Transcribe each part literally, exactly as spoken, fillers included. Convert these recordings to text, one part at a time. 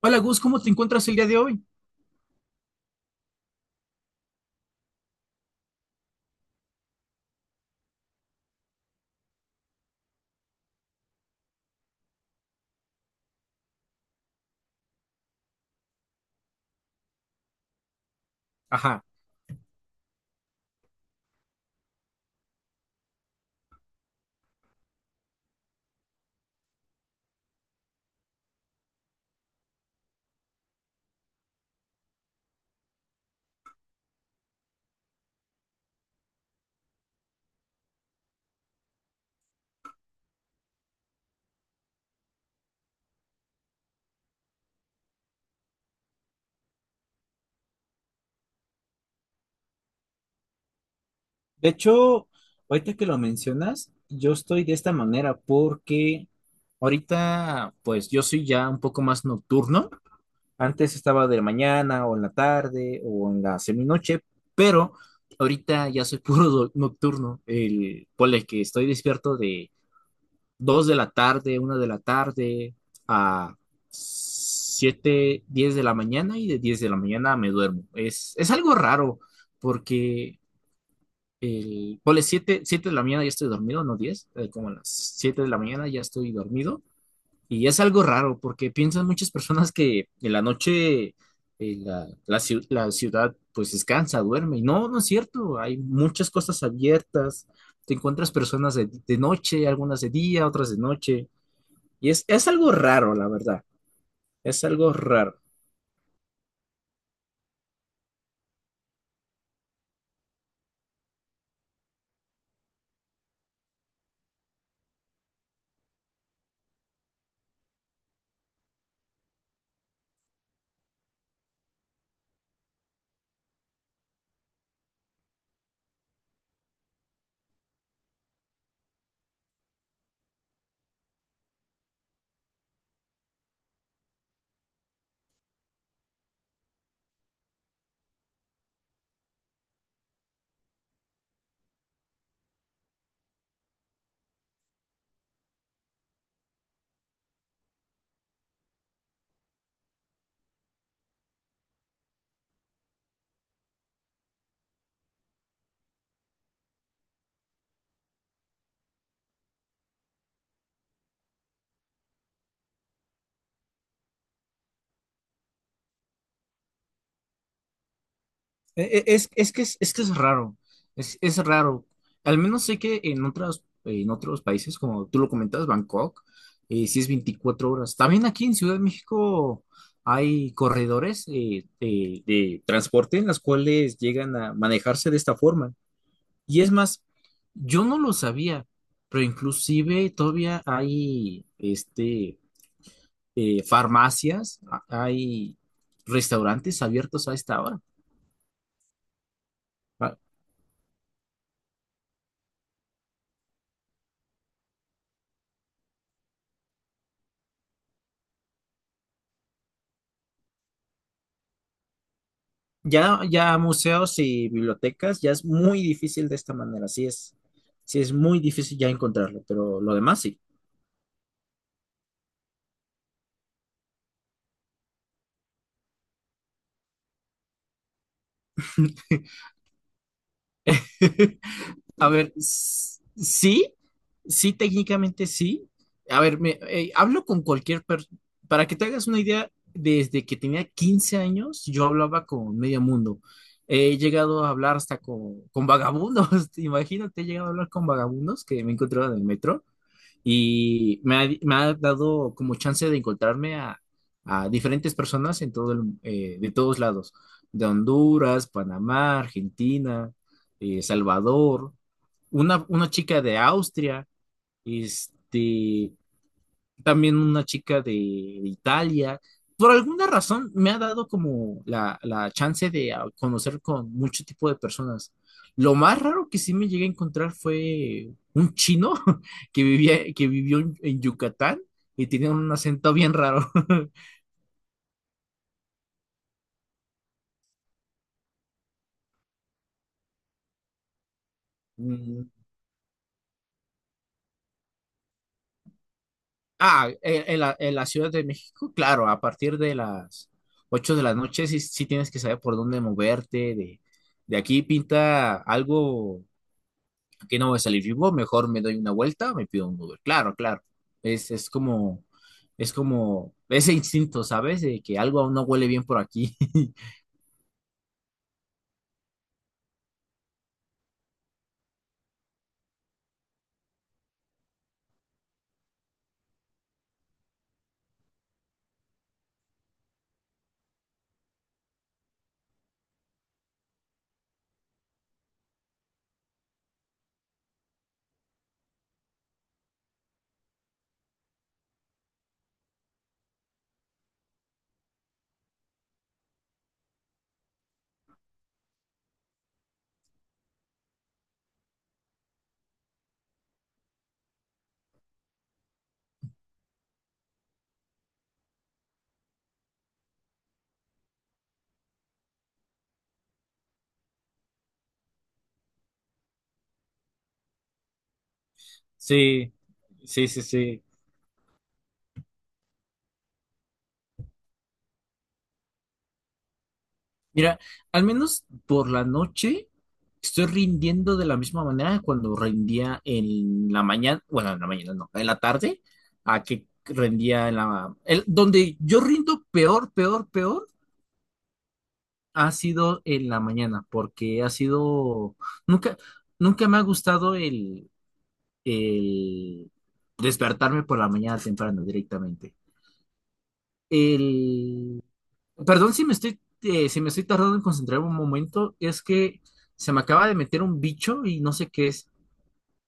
Hola Gus, ¿cómo te encuentras el día de hoy? De hecho, ahorita que lo mencionas, yo estoy de esta manera porque ahorita, pues yo soy ya un poco más nocturno. Antes estaba de mañana o en la tarde o en la seminoche, pero ahorita ya soy puro do- nocturno. El, ponle que estoy despierto de dos de la tarde, una de la tarde a siete, diez de la mañana y de diez de la mañana me duermo. Es, es algo raro porque el, ponle siete siete de la mañana ya estoy dormido, no diez eh, como a las siete de la mañana ya estoy dormido. Y es algo raro porque piensan muchas personas que en la noche eh, la, la ciu- la ciudad pues descansa, duerme. Y no, no es cierto, hay muchas cosas abiertas, te encuentras personas de, de noche, algunas de día, otras de noche. Y es, es algo raro, la verdad, es algo raro. E- e- Es, es que es, es que es raro, es, es raro. Al menos sé que en otras, en otros países, como tú lo comentas, Bangkok, eh, sí es veinticuatro horas. También aquí en Ciudad de México hay corredores eh, de, de transporte en las cuales llegan a manejarse de esta forma. Y es más, yo no lo sabía, pero inclusive todavía hay este, eh, farmacias, a- hay restaurantes abiertos a esta hora. Ah, ya, ya museos y bibliotecas ya es muy difícil de esta manera, sí es, sí es muy difícil ya encontrarlo, pero lo demás sí. A ver, s- sí, sí, técnicamente sí. A ver, me, eh, hablo con cualquier persona, para que te hagas una idea, desde que tenía quince años yo hablaba con medio mundo. He llegado a hablar hasta con, con vagabundos, imagínate, he llegado a hablar con vagabundos que me encontraba en el metro. Y me ha, me ha dado como chance de encontrarme a, a diferentes personas en todo el- eh, de todos lados, de Honduras, Panamá, Argentina, eh, Salvador, una, una chica de Austria, este, también una chica de Italia. Por alguna razón me ha dado como la, la chance de ah, conocer con mucho tipo de personas. Lo más raro que sí me llegué a encontrar fue un chino que vivía, que vivió en, en Yucatán y tenía un acento bien raro. Mm, Ah, en, en la, en la Ciudad de México, claro, a partir de las ocho de la noche sí, sí tienes que saber por dónde moverte, de, de aquí pinta algo que no voy a salir vivo, mejor me doy una vuelta, me pido un Uber. Claro, claro. Es, es como, es como ese instinto, ¿sabes? De que algo aún no huele bien por aquí. Sí, sí, sí, sí. Mira, al menos por la noche estoy rindiendo de la misma manera que cuando rendía en la mañana, bueno, en la mañana no, en la tarde, a que rendía en la... el- donde yo rindo peor, peor, peor ha sido en la mañana, porque ha sido, nunca, nunca me ha gustado el, el despertarme por la mañana temprano directamente. El, perdón si me estoy, eh, si me estoy tardando en concentrarme un momento, es que se me acaba de meter un bicho y no sé qué es.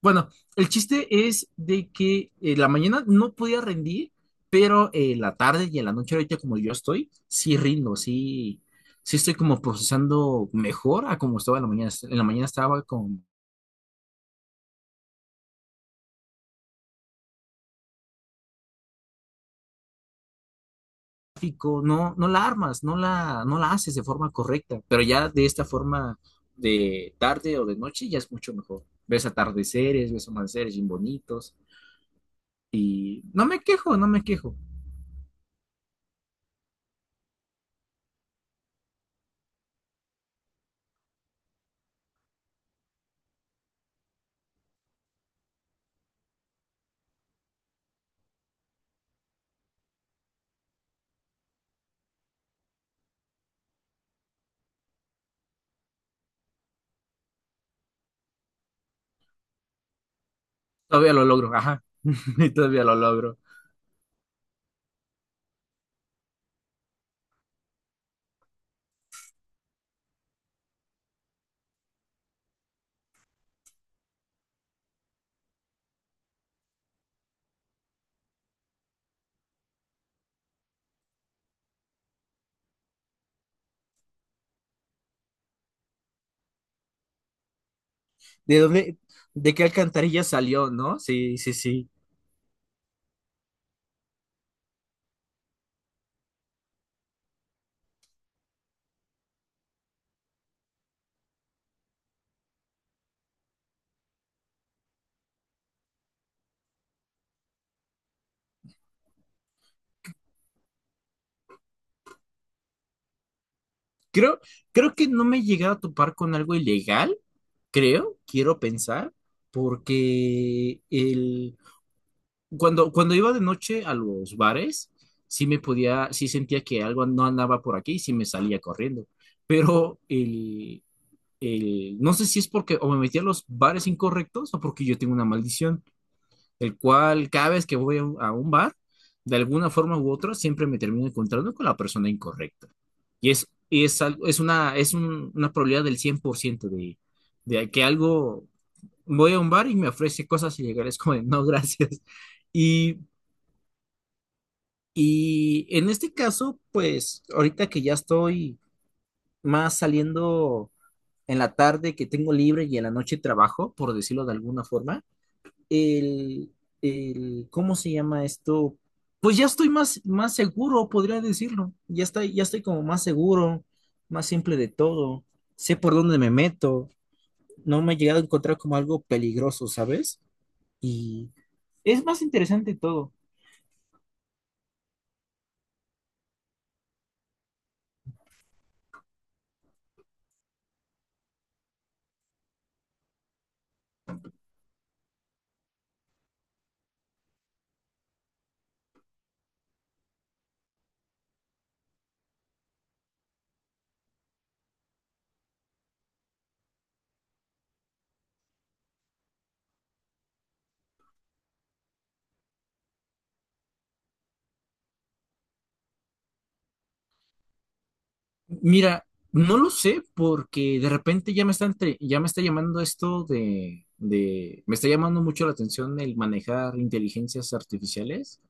Bueno, el chiste es de que eh, la mañana no podía rendir, pero eh, la tarde y en la noche ahorita como yo estoy, sí rindo, sí, sí estoy como procesando mejor a como estaba en la mañana. En la mañana estaba con tráfico, no, no la armas, no la, no la haces de forma correcta, pero ya de esta forma de tarde o de noche ya es mucho mejor. Ves atardeceres, ves amaneceres bien bonitos y no me quejo, no me quejo. Todavía lo logro, ajá, todavía lo logro. ¿De dónde, de qué alcantarilla salió, ¿no? Sí, sí, sí. Creo, creo que no me he llegado a topar con algo ilegal, creo, quiero pensar, porque el, cuando, cuando iba de noche a los bares, sí me podía, sí sentía que algo no andaba por aquí y sí me salía corriendo. Pero el, el, no sé si es porque o me metí a los bares incorrectos o porque yo tengo una maldición el cual cada vez que voy a un, a un bar, de alguna forma u otra, siempre me termino encontrando con la persona incorrecta. Y es, y es, algo, es, una, es un- una probabilidad del cien por ciento de, de, que algo, voy a un bar y me ofrece cosas y llegar es como, de, no, gracias. Y, y en este caso, pues ahorita que ya estoy más saliendo en la tarde que tengo libre y en la noche trabajo, por decirlo de alguna forma, el, el- ¿cómo se llama esto? Pues ya estoy más, más seguro, podría decirlo. Ya estoy, ya estoy como más seguro, más simple de todo. Sé por dónde me meto. No me he llegado a encontrar como algo peligroso, ¿sabes? Y es más interesante todo. Mira, no lo sé porque de repente ya me está entre- ya me está llamando esto de, de, me está llamando mucho la atención el manejar inteligencias artificiales.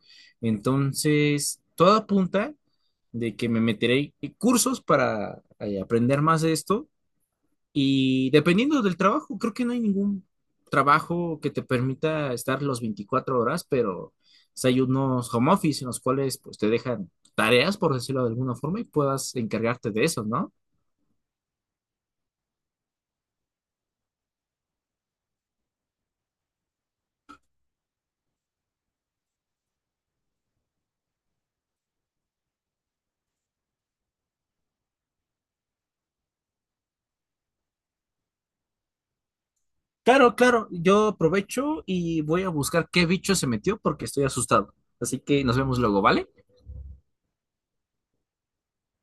Entonces, todo apunta de que me meteré en cursos para eh, aprender más de esto y dependiendo del trabajo, creo que no hay ningún trabajo que te permita estar los veinticuatro horas, pero si hay unos home office en los cuales pues te dejan tareas, por decirlo de alguna forma, y puedas encargarte de eso, ¿no? Claro, claro, yo aprovecho y voy a buscar qué bicho se metió porque estoy asustado. Así que nos vemos luego, ¿vale?